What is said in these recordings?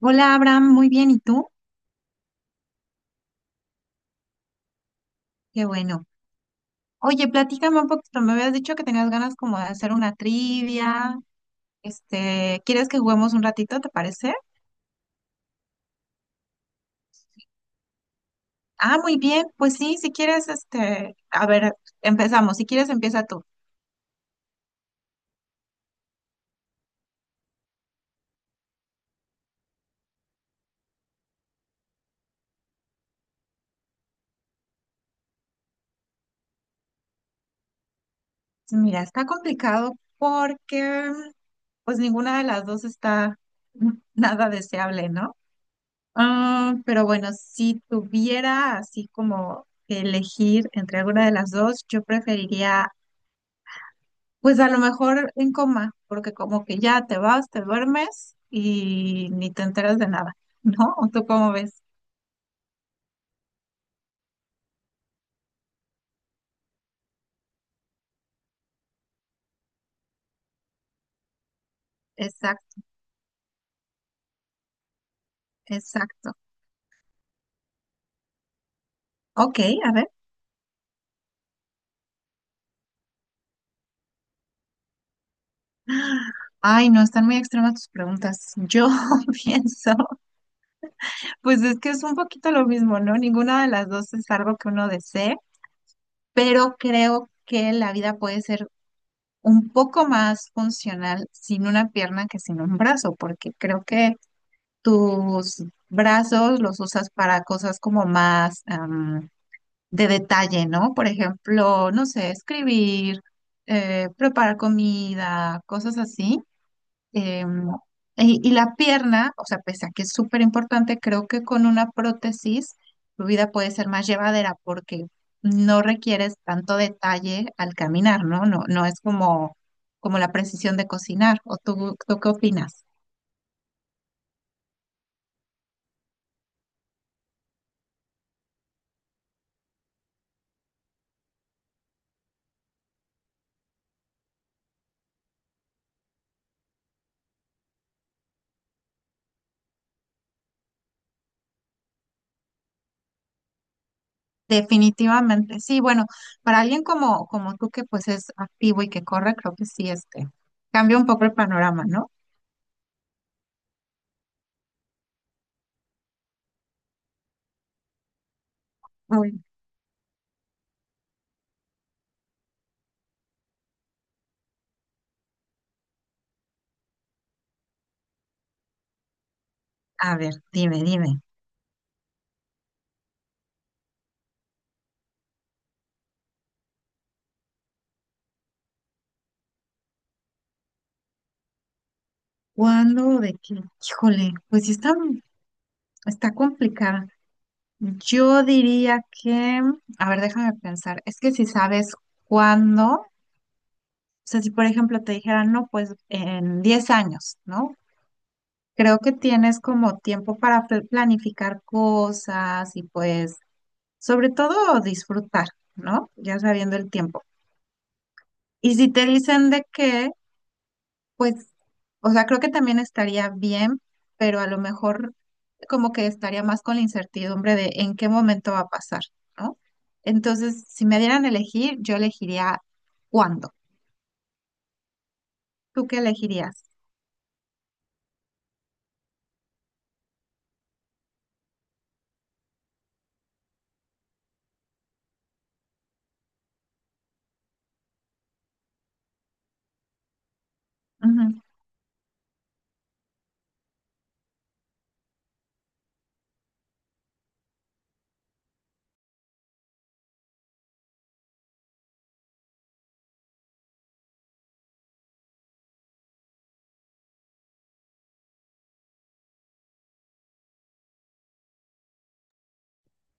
Hola Abraham, muy bien, ¿y tú? Qué bueno. Oye, platícame un poquito, me habías dicho que tenías ganas como de hacer una trivia, ¿quieres que juguemos un ratito, te parece? Ah, muy bien, pues sí, si quieres, a ver, empezamos, si quieres empieza tú. Mira, está complicado porque pues ninguna de las dos está nada deseable, ¿no? Ah, pero bueno, si tuviera así como que elegir entre alguna de las dos, yo preferiría. Pues a lo mejor en coma, porque como que ya te vas, te duermes y ni te enteras de nada, ¿no? ¿O tú cómo ves? Exacto, exacto. Ok, a ver. Ay, no, están muy extremas tus preguntas. Yo pienso, pues es que es un poquito lo mismo, ¿no? Ninguna de las dos es algo que uno desee, pero creo que la vida puede ser un poco más funcional sin una pierna que sin un brazo, porque creo que tus brazos los usas para cosas como más de detalle, ¿no? Por ejemplo, no sé, escribir, preparar comida, cosas así. Em, y la pierna, o sea, pese a que es súper importante, creo que con una prótesis tu vida puede ser más llevadera porque no requieres tanto detalle al caminar, ¿no? No es como, como la precisión de cocinar. ¿O tú qué opinas? Definitivamente, sí, bueno, para alguien como, como tú que pues es activo y que corre, creo que sí, cambia un poco el panorama, ¿no? Uy, a ver, dime, dime, ¿cuándo o de qué? Híjole, pues sí está, está complicada. Yo diría que, a ver, déjame pensar, es que si sabes cuándo, o sea, si por ejemplo te dijeran, no, pues en 10 años, ¿no? Creo que tienes como tiempo para planificar cosas y pues sobre todo disfrutar, ¿no? Ya sabiendo el tiempo. Y si te dicen de qué, pues, o sea, creo que también estaría bien, pero a lo mejor como que estaría más con la incertidumbre de en qué momento va a pasar, ¿no? Entonces, si me dieran a elegir, yo elegiría cuándo. ¿Tú qué elegirías? Ujú.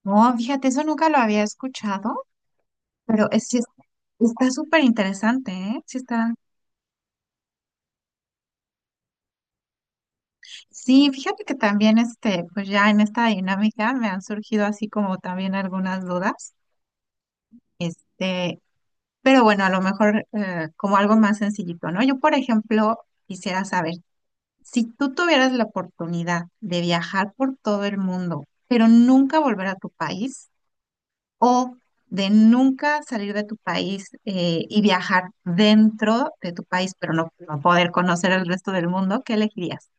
No, fíjate, eso nunca lo había escuchado, pero es, sí es- está súper interesante, ¿eh? Sí está. Sí, fíjate que también pues ya en esta dinámica me han surgido así como también algunas dudas, este, pero bueno, a lo mejor como algo más sencillito, ¿no? Yo, por ejemplo, quisiera saber, si tú tuvieras la oportunidad de viajar por todo el mundo, pero nunca volver a tu país, o de nunca salir de tu país y viajar dentro de tu país, pero no poder conocer el resto del mundo, ¿qué elegirías?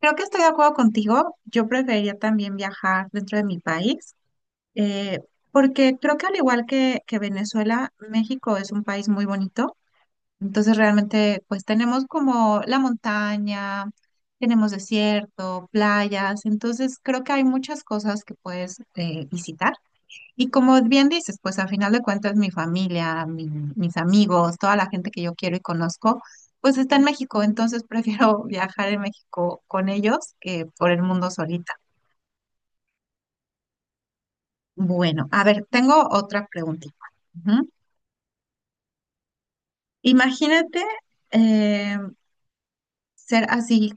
Creo que estoy de acuerdo contigo. Yo preferiría también viajar dentro de mi país, eh, porque creo que al igual que Venezuela, México es un país muy bonito. Entonces realmente pues tenemos como la montaña, tenemos desierto, playas. Entonces creo que hay muchas cosas que puedes visitar. Y como bien dices, pues al final de cuentas mi familia, mis amigos, toda la gente que yo quiero y conozco, pues está en México, entonces prefiero viajar en México con ellos que por el mundo solita. Bueno, a ver, tengo otra preguntita. Ujú. Imagínate eh, ser así,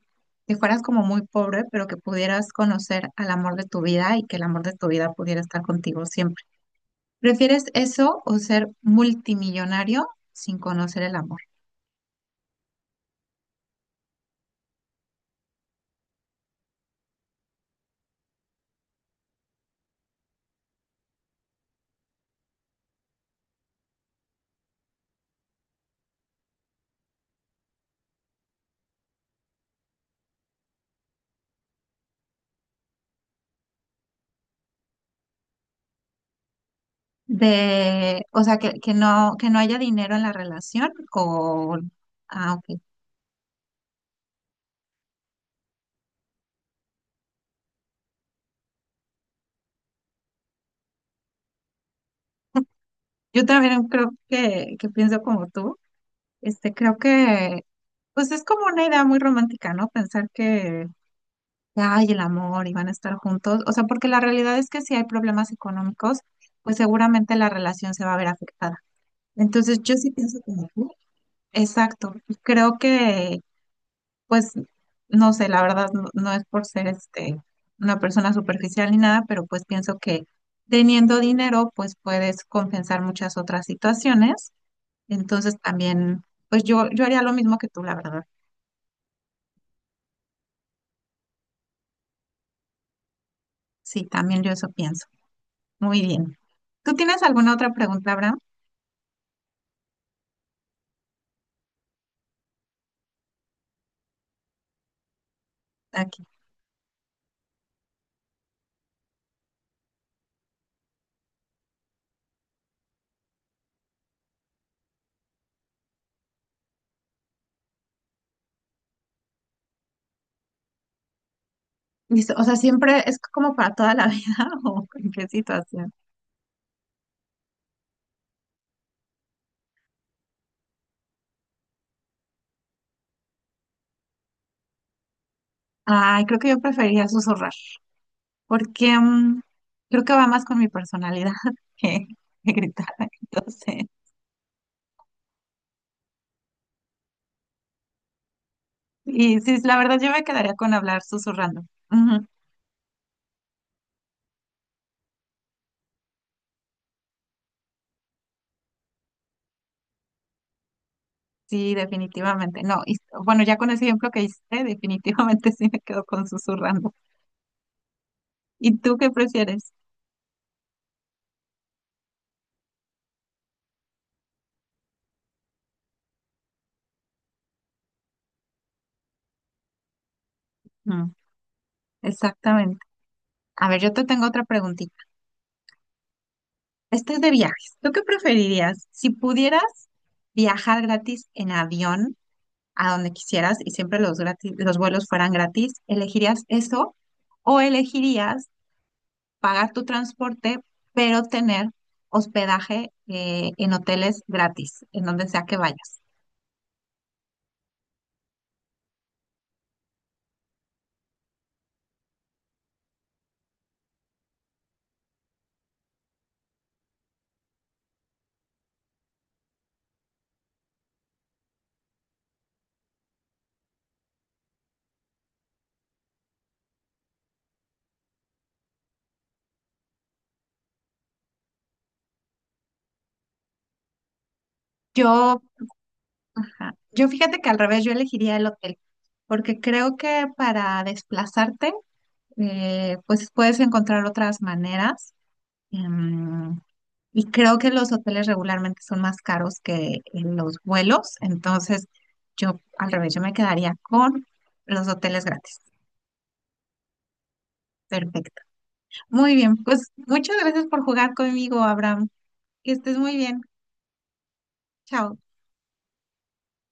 que fueras como muy pobre, pero que pudieras conocer al amor de tu vida y que el amor de tu vida pudiera estar contigo siempre. ¿Prefieres eso o ser multimillonario sin conocer el amor? De, o sea, que no haya dinero en la relación o... Ah, ok. Yo también creo que pienso como tú. Este, creo que, pues es como una idea muy romántica, ¿no? Pensar que, ay, el amor y van a estar juntos. O sea, porque la realidad es que si hay problemas económicos, pues seguramente la relación se va a ver afectada. Entonces, yo sí pienso como tú. Exacto. Creo que pues no sé, la verdad no es por ser este una persona superficial ni nada, pero pues pienso que teniendo dinero pues puedes compensar muchas otras situaciones. Entonces también, pues yo haría lo mismo que tú, la verdad. Sí, también yo eso pienso. Muy bien. ¿Tú tienes alguna otra pregunta, Abraham? Aquí. Listo. O sea, siempre es como para toda la vida o en qué situación. Ay, creo que yo preferiría susurrar. Porque creo que va más con mi personalidad que, que gritar. Entonces, y sí, la verdad yo me quedaría con hablar susurrando. Ujú. Sí, definitivamente. No, y bueno, ya con ese ejemplo que hice, definitivamente sí me quedo con susurrando. ¿Y tú qué prefieres? Mm, exactamente. A ver, yo te tengo otra preguntita. Esta es de viajes. ¿Tú qué preferirías? Si pudieras viajar gratis en avión, a donde quisieras y siempre los gratis, los vuelos fueran gratis, ¿elegirías eso o elegirías pagar tu transporte, pero tener hospedaje en hoteles gratis, en donde sea que vayas? Yo, ajá, yo fíjate que al revés, yo elegiría el hotel, porque creo que para desplazarte, pues puedes encontrar otras maneras. em, Y creo que los hoteles regularmente son más caros que los vuelos, entonces yo al revés, yo me quedaría con los hoteles gratis. Perfecto. Muy bien, pues muchas gracias por jugar conmigo, Abraham. Que estés muy bien. Chao.